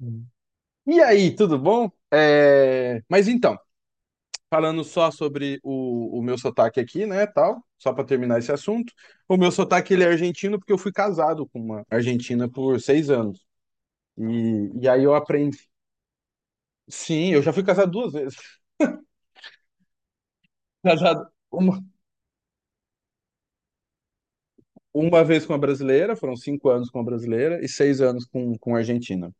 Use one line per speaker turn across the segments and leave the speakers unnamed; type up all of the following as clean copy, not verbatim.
Hum. E aí, tudo bom? É, mas então, falando só sobre o meu sotaque aqui, né, tal, só para terminar esse assunto, o meu sotaque ele é argentino porque eu fui casado com uma argentina por seis anos. E aí eu aprendi. Sim, eu já fui casado duas vezes. Casado uma vez com uma brasileira, foram 5 anos com uma brasileira e 6 anos com uma argentina.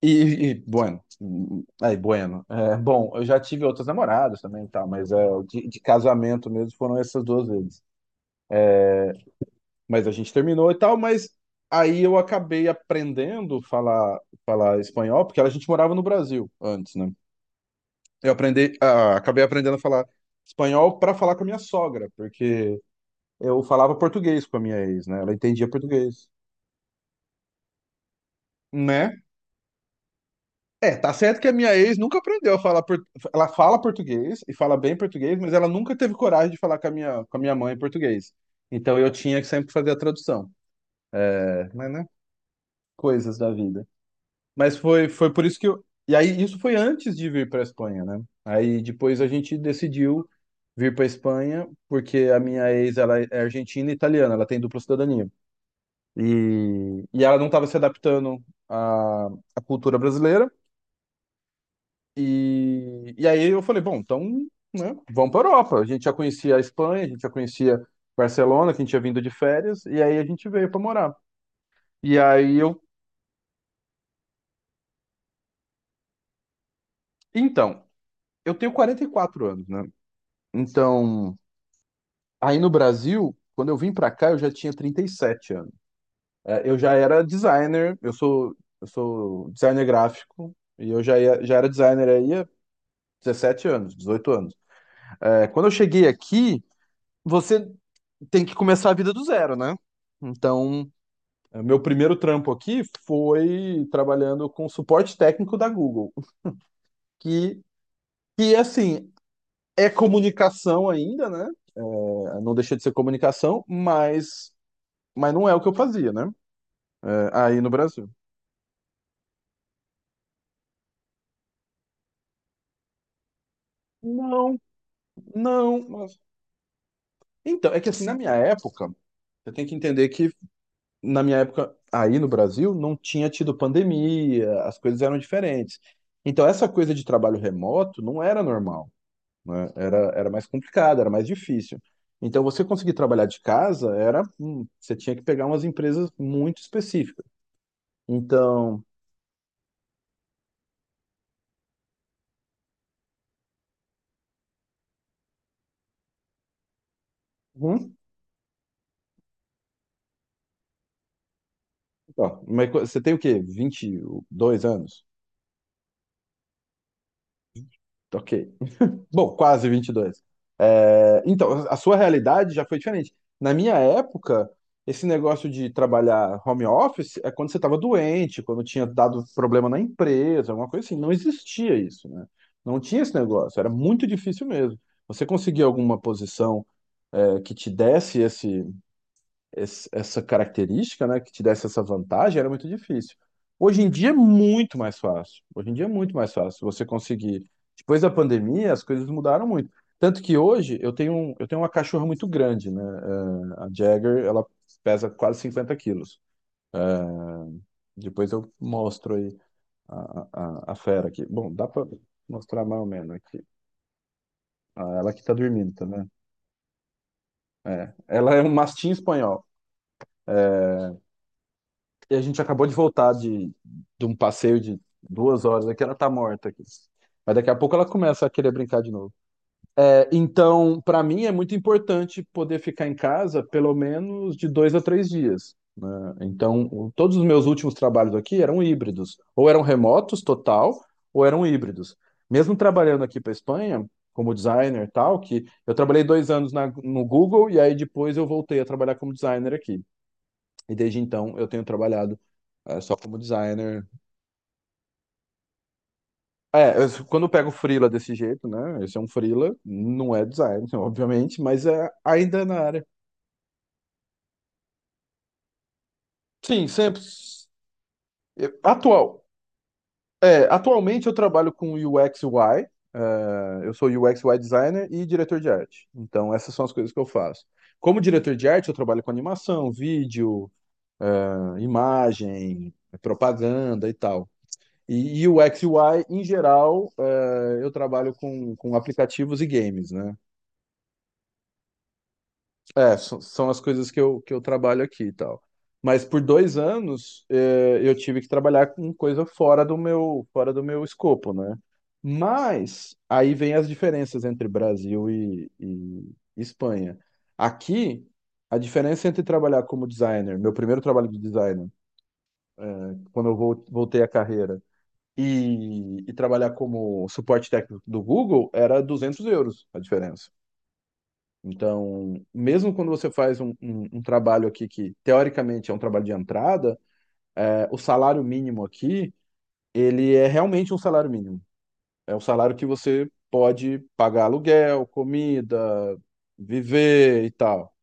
E, e bueno, aí, bueno. É, bom, eu já tive outras namoradas também e tal, mas é, de casamento mesmo foram essas duas vezes. Mas a gente terminou e tal, mas aí eu acabei aprendendo falar espanhol, porque a gente morava no Brasil antes, né? Eu aprendi, acabei aprendendo a falar espanhol para falar com a minha sogra, porque eu falava português com a minha ex, né? Ela entendia português, né? É, tá certo que a minha ex nunca aprendeu a falar por... ela fala português e fala bem português, mas ela nunca teve coragem de falar com a minha mãe em português. Então eu tinha que sempre fazer a tradução. É, mas né? Coisas da vida. Mas foi por isso que eu. E aí, isso foi antes de vir para a Espanha, né? Aí depois a gente decidiu vir para a Espanha, porque a minha ex, ela é argentina e italiana, ela tem dupla cidadania. E ela não estava se adaptando à cultura brasileira. E aí eu falei, bom, então, né, vamos para a Europa. A gente já conhecia a Espanha, a gente já conhecia Barcelona, que a gente tinha vindo de férias, e aí a gente veio para morar. E aí eu. Então, eu tenho 44 anos, né? Então. Aí no Brasil, quando eu vim pra cá, eu já tinha 37 anos. É, eu já era designer, eu sou designer gráfico, e eu já, já era designer aí há 17 anos, 18 anos. É, quando eu cheguei aqui, você tem que começar a vida do zero, né? Então, é, meu primeiro trampo aqui foi trabalhando com suporte técnico da Google, que, que assim, é comunicação ainda, né? É, não deixa de ser comunicação, mas não é o que eu fazia, né? É, aí no Brasil. Não, não. Então, é que assim, na minha época, você tem que entender que na minha época, aí no Brasil, não tinha tido pandemia, as coisas eram diferentes. Então, essa coisa de trabalho remoto não era normal, né? Era mais complicado, era mais difícil. Então, você conseguir trabalhar de casa era, você tinha que pegar umas empresas muito específicas. Então, hum, ó, mas você tem o quê? 22 anos? Ok. Bom, quase 22. É, então, a sua realidade já foi diferente. Na minha época, esse negócio de trabalhar home office é quando você estava doente, quando tinha dado problema na empresa, alguma coisa assim. Não existia isso, né? Não tinha esse negócio. Era muito difícil mesmo. Você conseguir alguma posição, é, que te desse esse, essa característica, né, que te desse essa vantagem, era muito difícil. Hoje em dia é muito mais fácil. Hoje em dia é muito mais fácil você conseguir. Depois da pandemia, as coisas mudaram muito. Tanto que hoje eu tenho, eu tenho uma cachorra muito grande, né? A Jagger, ela pesa quase 50 quilos. Depois eu mostro aí a fera aqui. Bom, dá pra mostrar mais ou menos aqui. Ah, ela que tá dormindo, tá vendo? É. Ela é um mastim espanhol. E a gente acabou de voltar de um passeio de 2 horas aqui, ela tá morta aqui. Mas daqui a pouco ela começa a querer brincar de novo. É, então, para mim é muito importante poder ficar em casa pelo menos de 2 a 3 dias, né? Então, todos os meus últimos trabalhos aqui eram híbridos, ou eram remotos total, ou eram híbridos. Mesmo trabalhando aqui para Espanha, como designer e tal, que eu trabalhei 2 anos no Google e aí depois eu voltei a trabalhar como designer aqui. E desde então eu tenho trabalhado só como designer. É, quando eu pego freela desse jeito, né? Esse é um freela, não é design, obviamente, mas é ainda na área. Sim, sempre. Atual. É, atualmente eu trabalho com UX UI. Eu sou UX UI designer e diretor de arte. Então, essas são as coisas que eu faço. Como diretor de arte, eu trabalho com animação, vídeo, imagem, propaganda e tal. E o U X e UI, em geral, é, eu trabalho com aplicativos e games, né? É, são as coisas que eu trabalho aqui e tal. Mas por 2 anos, é, eu tive que trabalhar com coisa fora do meu escopo, né? Mas aí vem as diferenças entre Brasil e Espanha. Aqui, a diferença entre trabalhar como designer, meu primeiro trabalho de designer, é, quando eu voltei à carreira, e trabalhar como suporte técnico do Google era 200 euros a diferença. Então, mesmo quando você faz um, um trabalho aqui que teoricamente é um trabalho de entrada, é, o salário mínimo aqui, ele é realmente um salário mínimo. É um salário que você pode pagar aluguel, comida, viver e tal.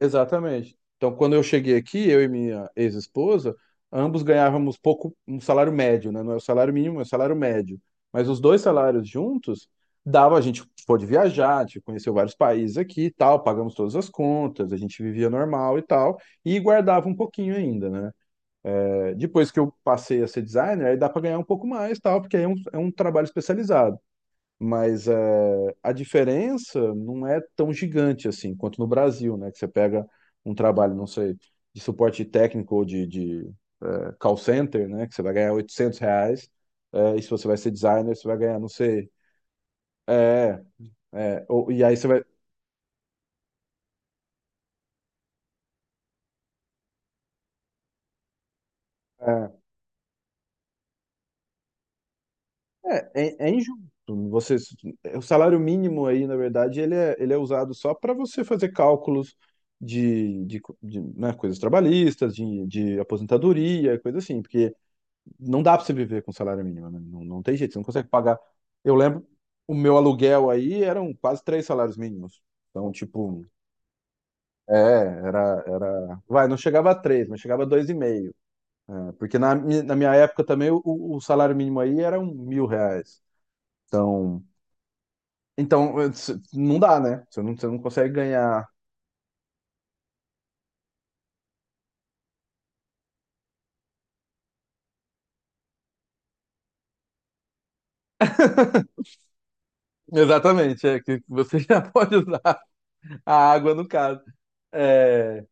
Exatamente. Então, quando eu cheguei aqui, eu e minha ex-esposa, ambos ganhávamos pouco, um salário médio, né? Não é o salário mínimo, é o salário médio. Mas os dois salários juntos dava, a gente pôde viajar, a gente conheceu vários países aqui e tal, pagamos todas as contas, a gente vivia normal e tal, e guardava um pouquinho ainda, né? É, depois que eu passei a ser designer, aí dá para ganhar um pouco mais, tal, porque aí é um trabalho especializado. Mas é, a diferença não é tão gigante assim quanto no Brasil, né? Que você pega um trabalho, não sei, de suporte técnico ou de é, call center, né? Que você vai ganhar 800 reais. É, e se você vai ser designer, você vai ganhar, não sei. É, e aí você vai. É, é, é injusto. Você, o salário mínimo aí, na verdade, ele é usado só para você fazer cálculos de, né, coisas trabalhistas, de aposentadoria, coisa assim, porque não dá para você viver com salário mínimo, né? Não, não tem jeito, você não consegue pagar. Eu lembro, o meu aluguel aí eram quase 3 salários mínimos. Então, tipo, é, era. Vai, não chegava a três, mas chegava a 2,5. É, porque na minha época também o salário mínimo aí era 1.000 reais. Então, então, não dá, né? Você não consegue ganhar. Exatamente, é que você já pode usar a água no caso. É.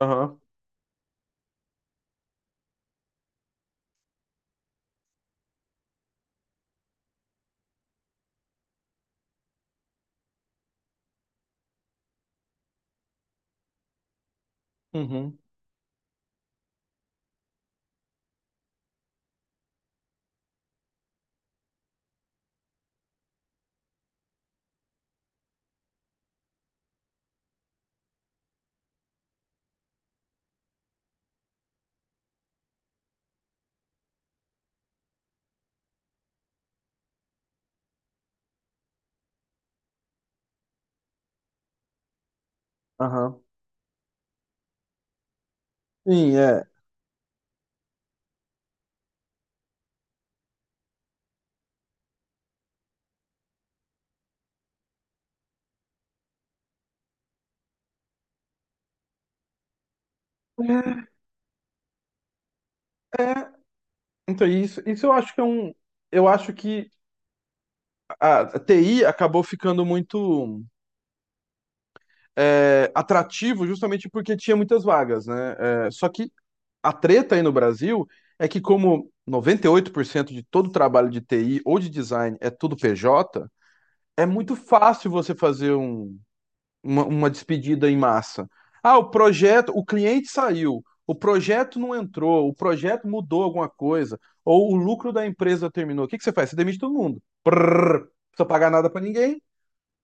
Aham. Uhum. Aham. Sim, é. Então, isso eu acho que é um. Eu acho que a TI acabou ficando muito é, atrativo justamente porque tinha muitas vagas, né? É, só que a treta aí no Brasil é que, como 98% de todo trabalho de TI ou de design é tudo PJ, é muito fácil você fazer um, uma despedida em massa. Ah, o projeto, o cliente saiu, o projeto não entrou, o projeto mudou alguma coisa, ou o lucro da empresa terminou. O que que você faz? Você demite todo mundo. Prrr, não precisa pagar nada para ninguém,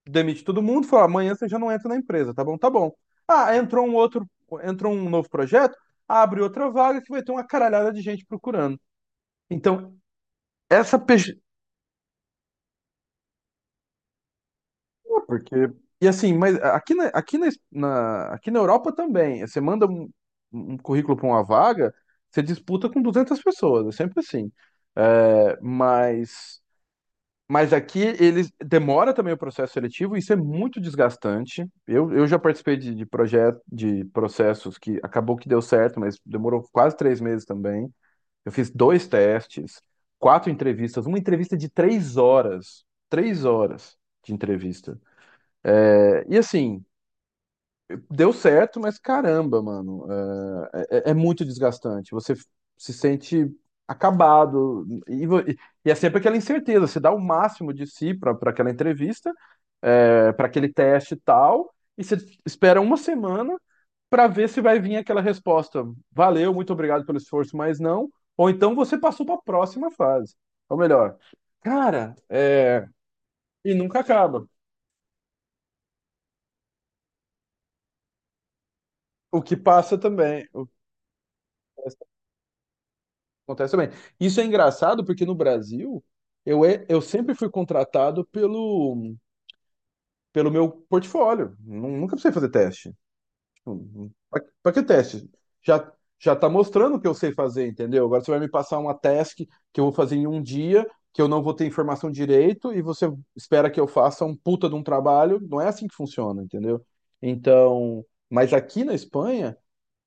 demite todo mundo, fala, amanhã você já não entra na empresa, tá bom? Tá bom. Ah, entrou um novo projeto, abre outra vaga que vai ter uma caralhada de gente procurando. Então, essa, é, porque. E assim, mas aqui na Europa também. Você manda um currículo para uma vaga, você disputa com 200 pessoas, é sempre assim. É, mas aqui eles demora também o processo seletivo, isso é muito desgastante. Eu já participei de projetos, de processos que acabou que deu certo, mas demorou quase 3 meses também. Eu fiz dois testes, quatro entrevistas, uma entrevista de 3 horas. 3 horas de entrevista. É, e assim, deu certo, mas caramba, mano, é muito desgastante. Você se sente acabado. E é sempre aquela incerteza. Você dá o máximo de si para aquela entrevista, é, para aquele teste e tal, e você espera uma semana para ver se vai vir aquela resposta. Valeu, muito obrigado pelo esforço, mas não. Ou então você passou para a próxima fase. Ou melhor, cara, é, e nunca acaba. O que passa também. Acontece também. Isso é engraçado porque no Brasil eu sempre fui contratado pelo meu portfólio. Nunca precisei fazer teste. Tipo, pra que teste? Já, já tá mostrando o que eu sei fazer, entendeu? Agora você vai me passar uma task que eu vou fazer em um dia, que eu não vou ter informação direito, e você espera que eu faça um puta de um trabalho. Não é assim que funciona, entendeu? Então, mas aqui na Espanha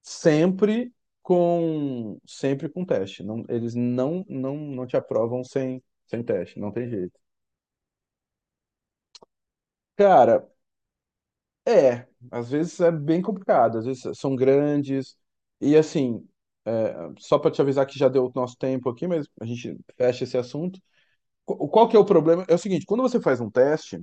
sempre com teste. Não, eles não te aprovam sem teste, não tem jeito. Cara, às vezes é bem complicado, às vezes são grandes e assim, é, só para te avisar que já deu o nosso tempo aqui, mas a gente fecha esse assunto. Qual que é o problema? É o seguinte, quando você faz um teste,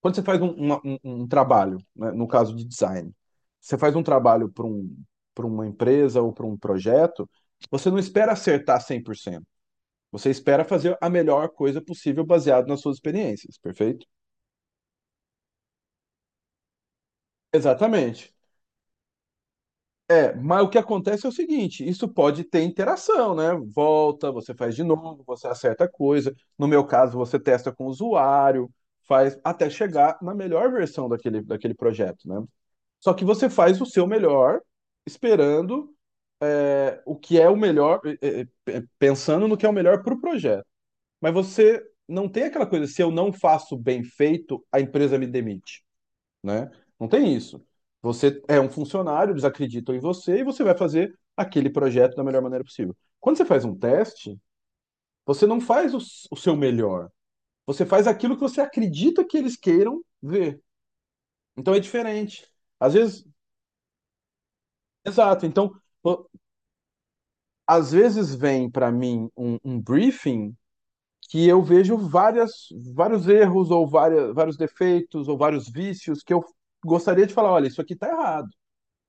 quando você faz um trabalho, né, no caso de design, você faz um trabalho para um, para uma empresa ou para um projeto, você não espera acertar cem por cento. Você espera fazer a melhor coisa possível baseado nas suas experiências, perfeito? Exatamente. É, mas o que acontece é o seguinte: isso pode ter interação, né? Volta, você faz de novo, você acerta a coisa. No meu caso, você testa com o usuário, faz até chegar na melhor versão daquele projeto, né? Só que você faz o seu melhor, esperando o que é o melhor, pensando no que é o melhor para o projeto. Mas você não tem aquela coisa: se eu não faço bem feito, a empresa me demite, né? Não tem isso. Você é um funcionário, eles acreditam em você e você vai fazer aquele projeto da melhor maneira possível. Quando você faz um teste, você não faz o seu melhor. Você faz aquilo que você acredita que eles queiram ver. Então é diferente. Às vezes, exato. Então, pô, às vezes vem para mim um briefing que eu vejo vários erros ou vários defeitos ou vários vícios que eu gostaria de falar: olha, isso aqui tá errado.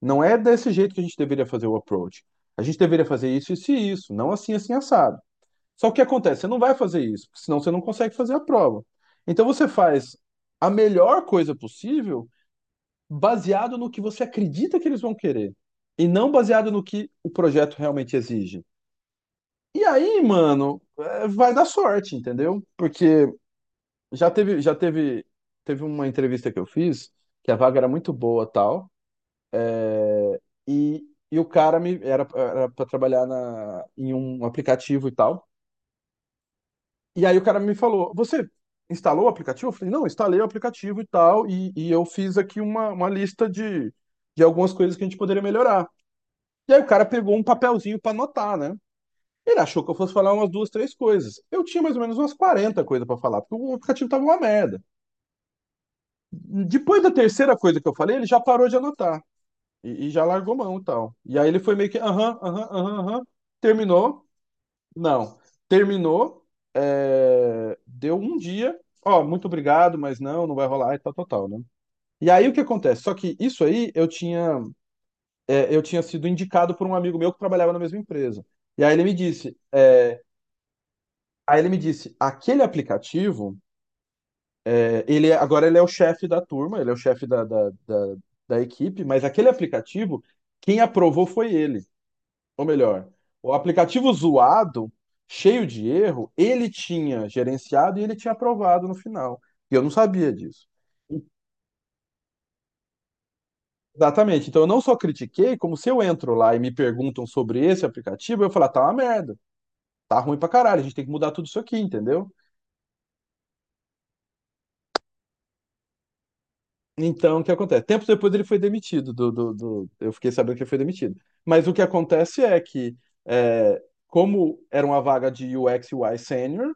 Não é desse jeito que a gente deveria fazer o approach. A gente deveria fazer isso, isso e isso, não assim, assim, assado. Só que o que acontece? Você não vai fazer isso, porque senão você não consegue fazer a prova. Então você faz a melhor coisa possível baseado no que você acredita que eles vão querer, e não baseado no que o projeto realmente exige. E aí, mano, vai dar sorte, entendeu? Porque já teve, já teve, teve uma entrevista que eu fiz que a vaga era muito boa, tal. E, e o era para trabalhar em um aplicativo e tal. E aí o cara me falou: "Você instalou o aplicativo?" Eu falei: "Não, instalei o aplicativo e tal. E eu fiz aqui uma lista de algumas coisas que a gente poderia melhorar." E aí o cara pegou um papelzinho para anotar, né? Ele achou que eu fosse falar umas duas, três coisas. Eu tinha mais ou menos umas 40 coisas para falar, porque o aplicativo tava uma merda. Depois da terceira coisa que eu falei, ele já parou de anotar. E já largou mão e tal. E aí ele foi meio que aham, aham, aham, aham. Terminou? Não. Terminou, é, deu um dia, ó, muito obrigado, mas não, não vai rolar e tal, tal, tal, né? E aí o que acontece? Só que isso aí eu tinha, é, eu tinha sido indicado por um amigo meu que trabalhava na mesma empresa. E aí ele me disse, aí ele me disse, aquele aplicativo, é, agora ele é o chefe da turma, ele é o chefe da equipe, mas aquele aplicativo, quem aprovou foi ele. Ou melhor, o aplicativo zoado, cheio de erro, ele tinha gerenciado e ele tinha aprovado no final. E eu não sabia disso. Exatamente. Então eu não só critiquei, como se eu entro lá e me perguntam sobre esse aplicativo, eu falo: "Ah, tá uma merda, tá ruim pra caralho, a gente tem que mudar tudo isso aqui, entendeu?" Então, o que acontece? Tempos depois ele foi demitido eu fiquei sabendo que ele foi demitido. Mas o que acontece é que, é, como era uma vaga de UX UI sênior,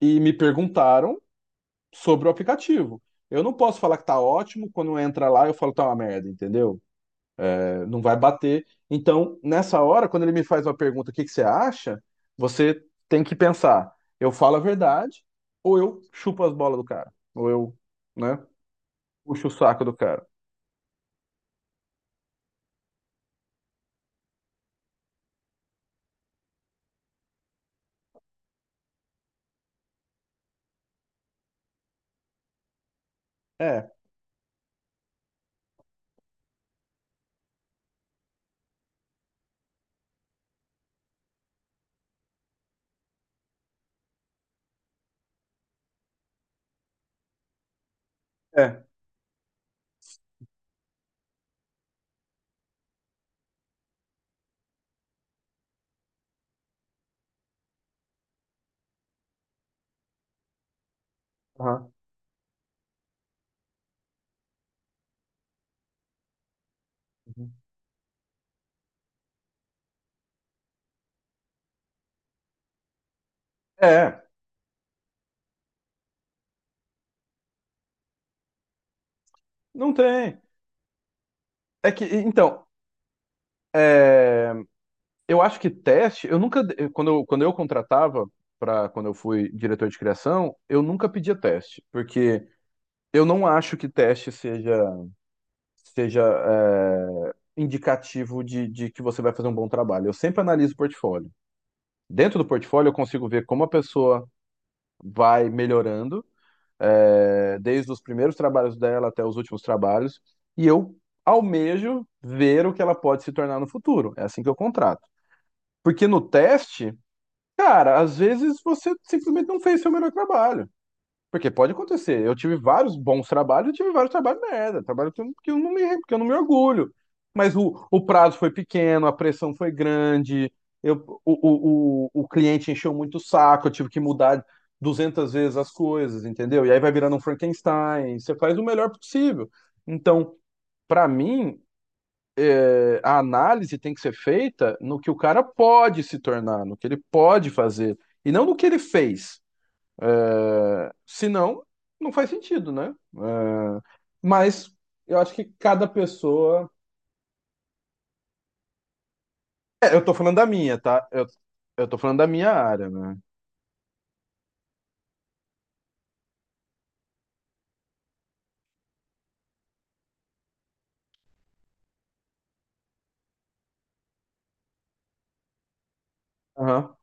e me perguntaram sobre o aplicativo. Eu não posso falar que tá ótimo, quando entra lá eu falo tá uma merda, entendeu? É, não vai bater. Então, nessa hora, quando ele me faz uma pergunta, o que que você acha? Você tem que pensar: eu falo a verdade ou eu chupo as bolas do cara? Ou eu, né, puxo o saco do cara? É, é, aham, uhum. É, não tem. É que, então, é, eu acho que teste, eu nunca, quando eu contratava, pra, quando eu fui diretor de criação, eu nunca pedia teste, porque eu não acho que teste seja, indicativo de que você vai fazer um bom trabalho. Eu sempre analiso o portfólio. Dentro do portfólio, eu consigo ver como a pessoa vai melhorando, é, desde os primeiros trabalhos dela até os últimos trabalhos, e eu almejo ver o que ela pode se tornar no futuro. É assim que eu contrato. Porque no teste, cara, às vezes você simplesmente não fez seu melhor trabalho. Porque pode acontecer. Eu tive vários bons trabalhos, eu tive vários trabalhos merda. Trabalho que eu não me, que eu não me orgulho. Mas o prazo foi pequeno, a pressão foi grande, eu, o cliente encheu muito o saco, eu tive que mudar 200 vezes as coisas, entendeu? E aí vai virando um Frankenstein. Você faz o melhor possível. Então, para mim, a análise tem que ser feita no que o cara pode se tornar, no que ele pode fazer, e não no que ele fez. É, se não, não faz sentido, né? É, mas eu acho que cada pessoa. É, eu tô falando da minha, tá? Eu tô falando da minha área, né? Aham.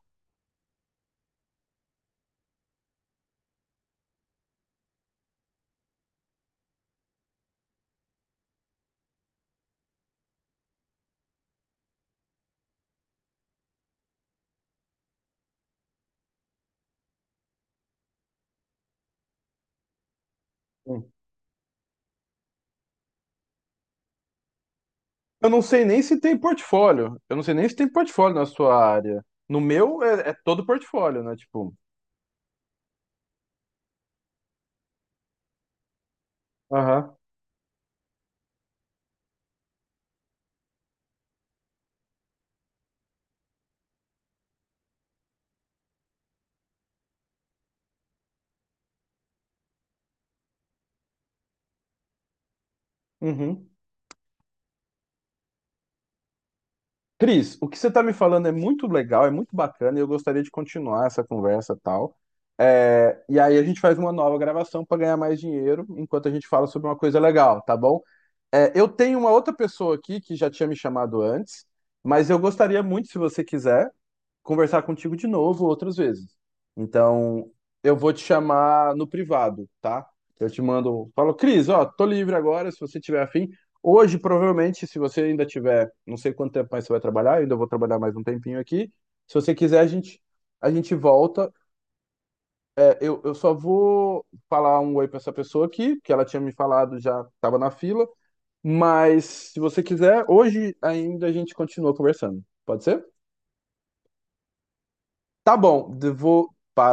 Sim. Eu não sei nem se tem portfólio. Eu não sei nem se tem portfólio na sua área. No meu é, é todo portfólio, né? Tipo. Aham. Uhum. Cris, o que você está me falando é muito legal, é muito bacana e eu gostaria de continuar essa conversa e tal. É, e aí a gente faz uma nova gravação para ganhar mais dinheiro enquanto a gente fala sobre uma coisa legal, tá bom? É, eu tenho uma outra pessoa aqui que já tinha me chamado antes, mas eu gostaria muito, se você quiser, conversar contigo de novo outras vezes. Então, eu vou te chamar no privado, tá? Eu te mando, falo: "Cris, ó, tô livre agora, se você tiver afim." Hoje, provavelmente, se você ainda tiver, não sei quanto tempo mais você vai trabalhar, eu ainda vou trabalhar mais um tempinho aqui. Se você quiser, a gente volta. É, eu só vou falar um oi pra essa pessoa aqui, que ela tinha me falado, já tava na fila. Mas, se você quiser, hoje ainda a gente continua conversando. Pode ser? Tá bom, eu vou,